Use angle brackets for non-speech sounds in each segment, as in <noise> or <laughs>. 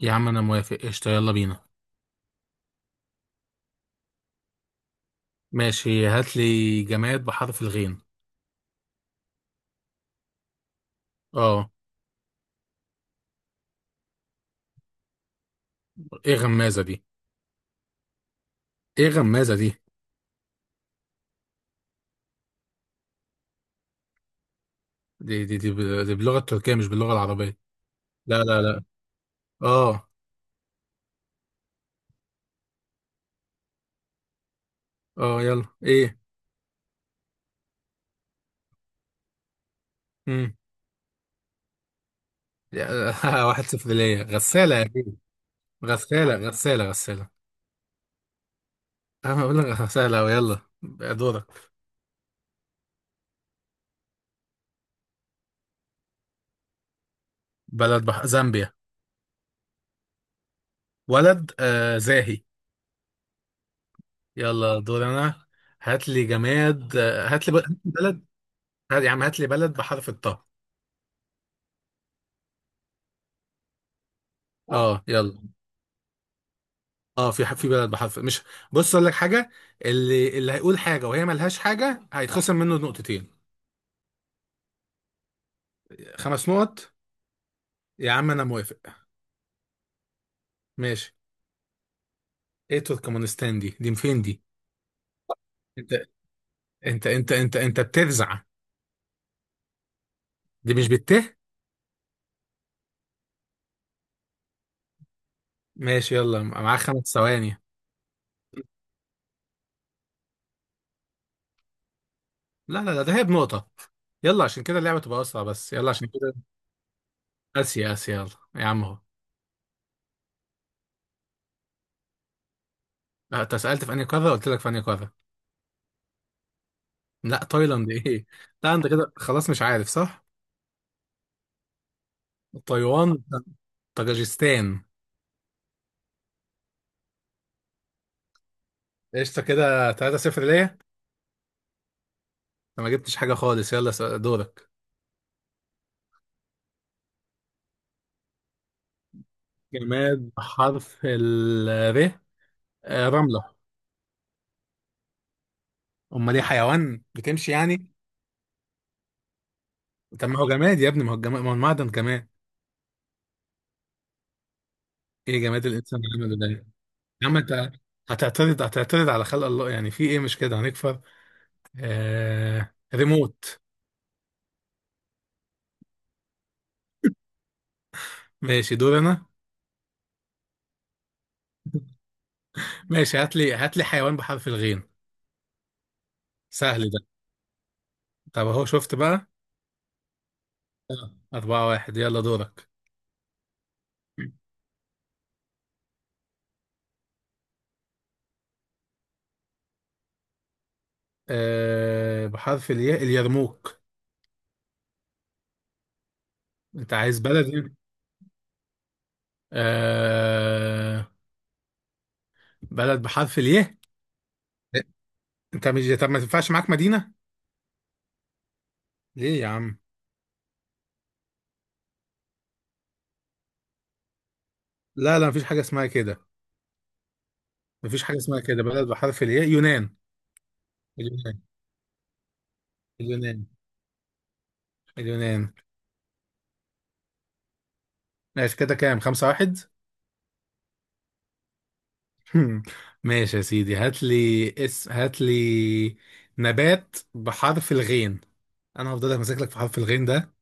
يا عم انا موافق، قشطة، يلا بينا. ماشي، هات لي جماد بحرف الغين. اه. ايه غمازة دي؟ ايه غمازة دي؟ دي باللغة التركية مش باللغة العربية. لا لا لا. اه. اه، يلا ايه؟ امم <laughs> 1-0 ليا، غسالة يا بيه. غسالة، غسالة، غسالة. انا بقول لك غسالة، ويلا دورك. بلد زامبيا. ولد، زاهي. يلا دور انا. هات لي جماد، هات لي بلد، يا عم هات لي بلد بحرف الطاء. اه يلا. اه، في بلد بحرف، مش... بص اقول لك حاجه، اللي هيقول حاجه وهي ملهاش حاجه هيتخصم منه نقطتين. 5 نقط. يا عم انا موافق. ماشي. ايه تركمانستان دي؟ فين دي؟ انت انت بترزع. دي مش بته. ماشي، يلا معاك 5 ثواني. لا لا لا، ده هي بنقطه. يلا عشان كده اللعبه تبقى اسرع بس، يلا عشان كده. اسيا يلا. يا عم اهو. لا، انت سالت في انهي قاره، قلت لك في انهي قاره. لا تايلاند ايه! لا انت كده خلاص مش عارف صح. تايوان. طاجيكستان. قشطة، كده 3-0 ليا. أنا ما جبتش حاجة خالص، يلا دورك. جماد حرف ال... ر. رملة. أمال إيه، حيوان بتمشي يعني؟ طب ما هو جماد يا ابني، ما هو جماد، ما هو المعدن كمان. إيه جماد الإنسان اللي عمله ده! يا عم أنت! هتعترض على خلق الله يعني، في إيه، مش كده هنكفر. ريموت. ماشي دور أنا. ماشي، هات لي حيوان بحرف الغين. سهل ده. طب أهو، شفت بقى؟ آه، 4-1، يلا دورك. بحرف الياء، اليرموك. انت عايز بلد ايه؟ آه... بلد بحرف اليه. انت مش... طب ما تنفعش معاك مدينة. ليه يا عم؟ لا لا، مفيش حاجة اسمها كده. مفيش حاجة اسمها كده، بلد بحرف الياء، يونان. اليونان، اليونان، اليونان. ماشي كده كام؟ 5-1. <laughs> هم. ماشي يا سيدي، هات لي نبات بحرف الغين. انا هفضل ماسك لك في حرف الغين ده.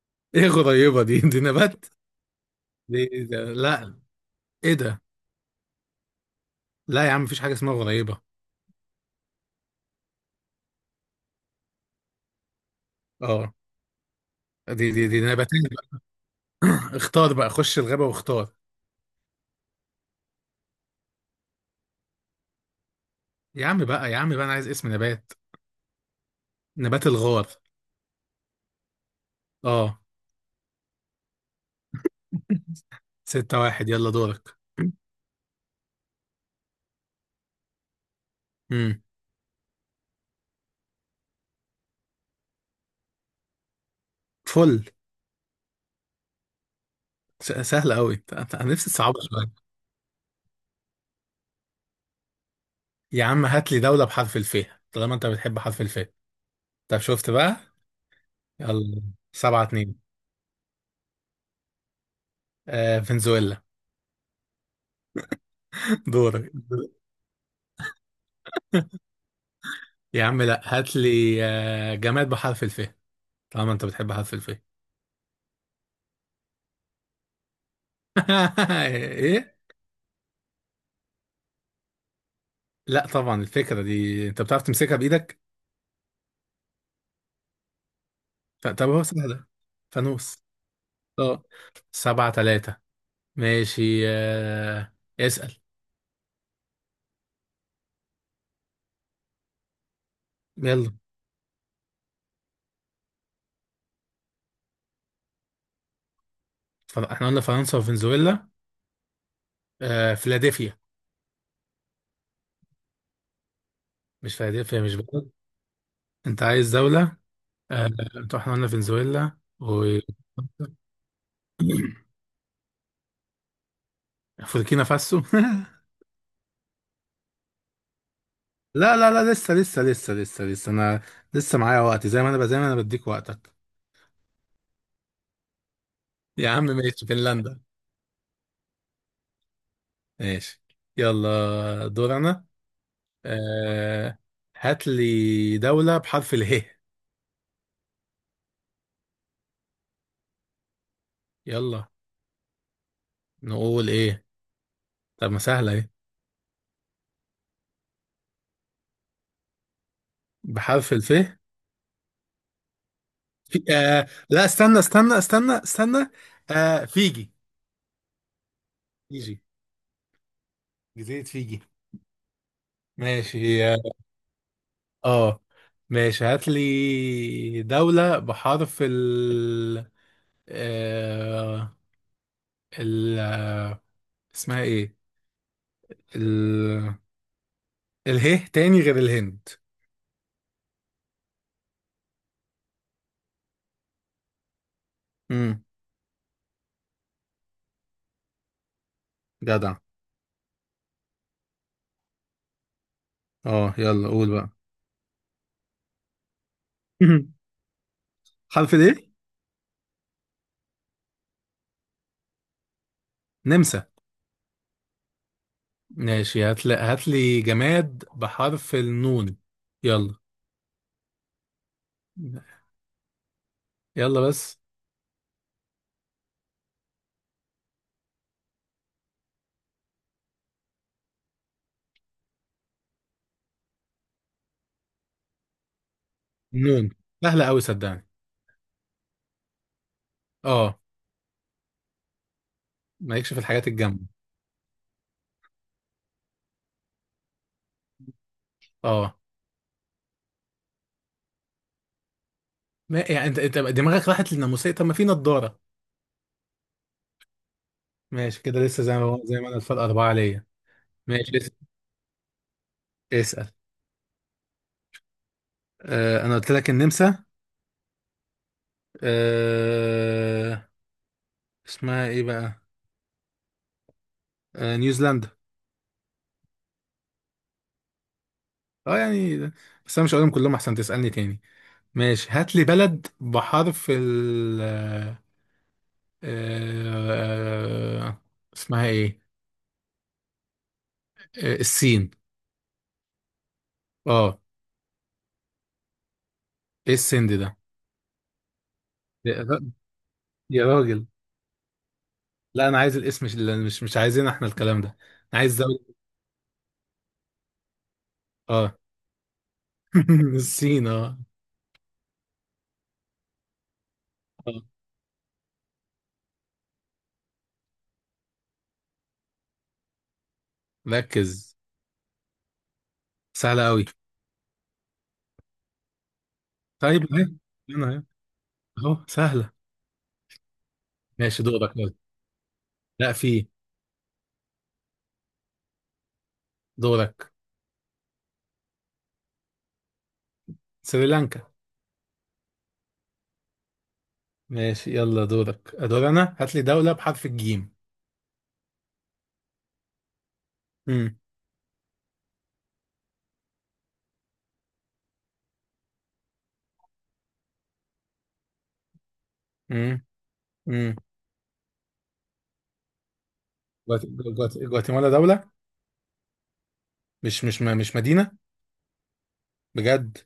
<laughs> ايه غريبة دي؟ نبات؟ دي ده. لا. ايه ده؟ لا يا عم، مفيش حاجة اسمها غريبة. اه. دي نباتات. اختار بقى، خش الغابة واختار. يا عم بقى انا عايز اسم نبات. نبات الغار. اه. 6-1، يلا دورك. امم فل. سهلة قوي، انا نفسي تصعبها شوية. يا عم هات لي دولة بحرف الف، طالما انت بتحب حرف الف. طب شفت بقى؟ يلا. 7-2. فنزويلا. <laughs> دورك. يا عم لا، هات لي جماد بحرف الف، طالما انت بتحب حرف الف. <laughs> ايه؟ لا طبعا، الفكرة دي انت بتعرف تمسكها بايدك؟ طب هو سهلة. فانوس. اه، 7-3. ماشي. اسأل. يلا. احنا قلنا فرنسا وفنزويلا. فيلادلفيا. مش، فيلادلفيا مش بلد. انت عايز دولة. آه. انت احنا قلنا فنزويلا وبوركينا فاسو. <laughs> لا لا لا، لسه لسه لسه لسه لسه انا لسه معايا وقت، زي ما انا زي ما انا بديك وقتك. يا عم ماشي، فنلندا. ماشي يلا دور انا. آه. هات لي دولة بحرف اله. يلا. نقول ايه؟ طب ما سهله، ايه؟ بحرف الف. لا، استنى استنى استنى استنى. فيجي. فيجي، جزيره فيجي. ماشي اه. آه. ماشي، هات لي دولة بحرف ال... آه... ال آه، اسمها ايه؟ ال... اله تاني غير الهند. امم جدع. اه يلا قول بقى. <laughs> حرف الايه؟ نمسا. ماشي، هات لي جماد بحرف النون، يلا. يلا بس. نون. سهلة أوي صدقني. اه. مالكش في الحاجات الجامدة. اه. ما يعني انت دماغك راحت للناموسية، طب ما في نضارة. ماشي كده، لسه زي ما هو، زي ما انا الفرق أربعة ليا. ماشي لسه. اسأل. انا قلت لك النمسا. آه اسمها ايه بقى؟ نيوزيلندا. اه يعني، بس انا مش هقولهم كلهم احسن تسألني تاني. ماشي، هات لي بلد بحرف ال... آه، اسمها ايه؟ السين. اه. ايه السند ده؟ يا را- يا راجل. لا انا عايز الاسم، مش عايزين احنا الكلام ده. انا عايز دولة. اه. <laughs> السين اه. آه. ركز. سهلة قوي. طيب اهي. انا اهي. اهو سهلة. ماشي دورك يلا. لا، في. دورك. سريلانكا. ماشي يلا دورك، ادور انا، هات لي دولة بحرف الجيم. امم امم امم جواتيمالا دولة؟ مش مدينة؟ بجد؟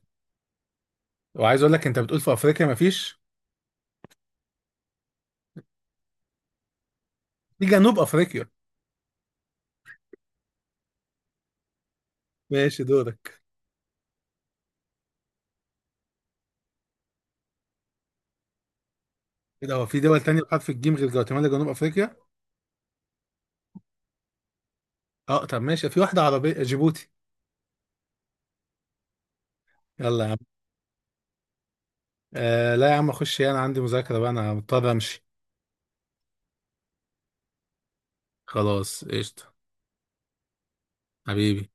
وعايز اقول لك، انت بتقول في افريقيا مفيش. في جنوب افريقيا. ماشي دورك. ايه ده، هو في دول تانية بحرف الجيم غير جواتيمالا، جنوب افريقيا؟ اه طب ماشي، في واحدة عربية، جيبوتي. يلا يا عم. لا يا عم، اخش إيه، انا عندي مذاكرة بقى، انا مضطر امشي. خلاص قشطة. حبيبي.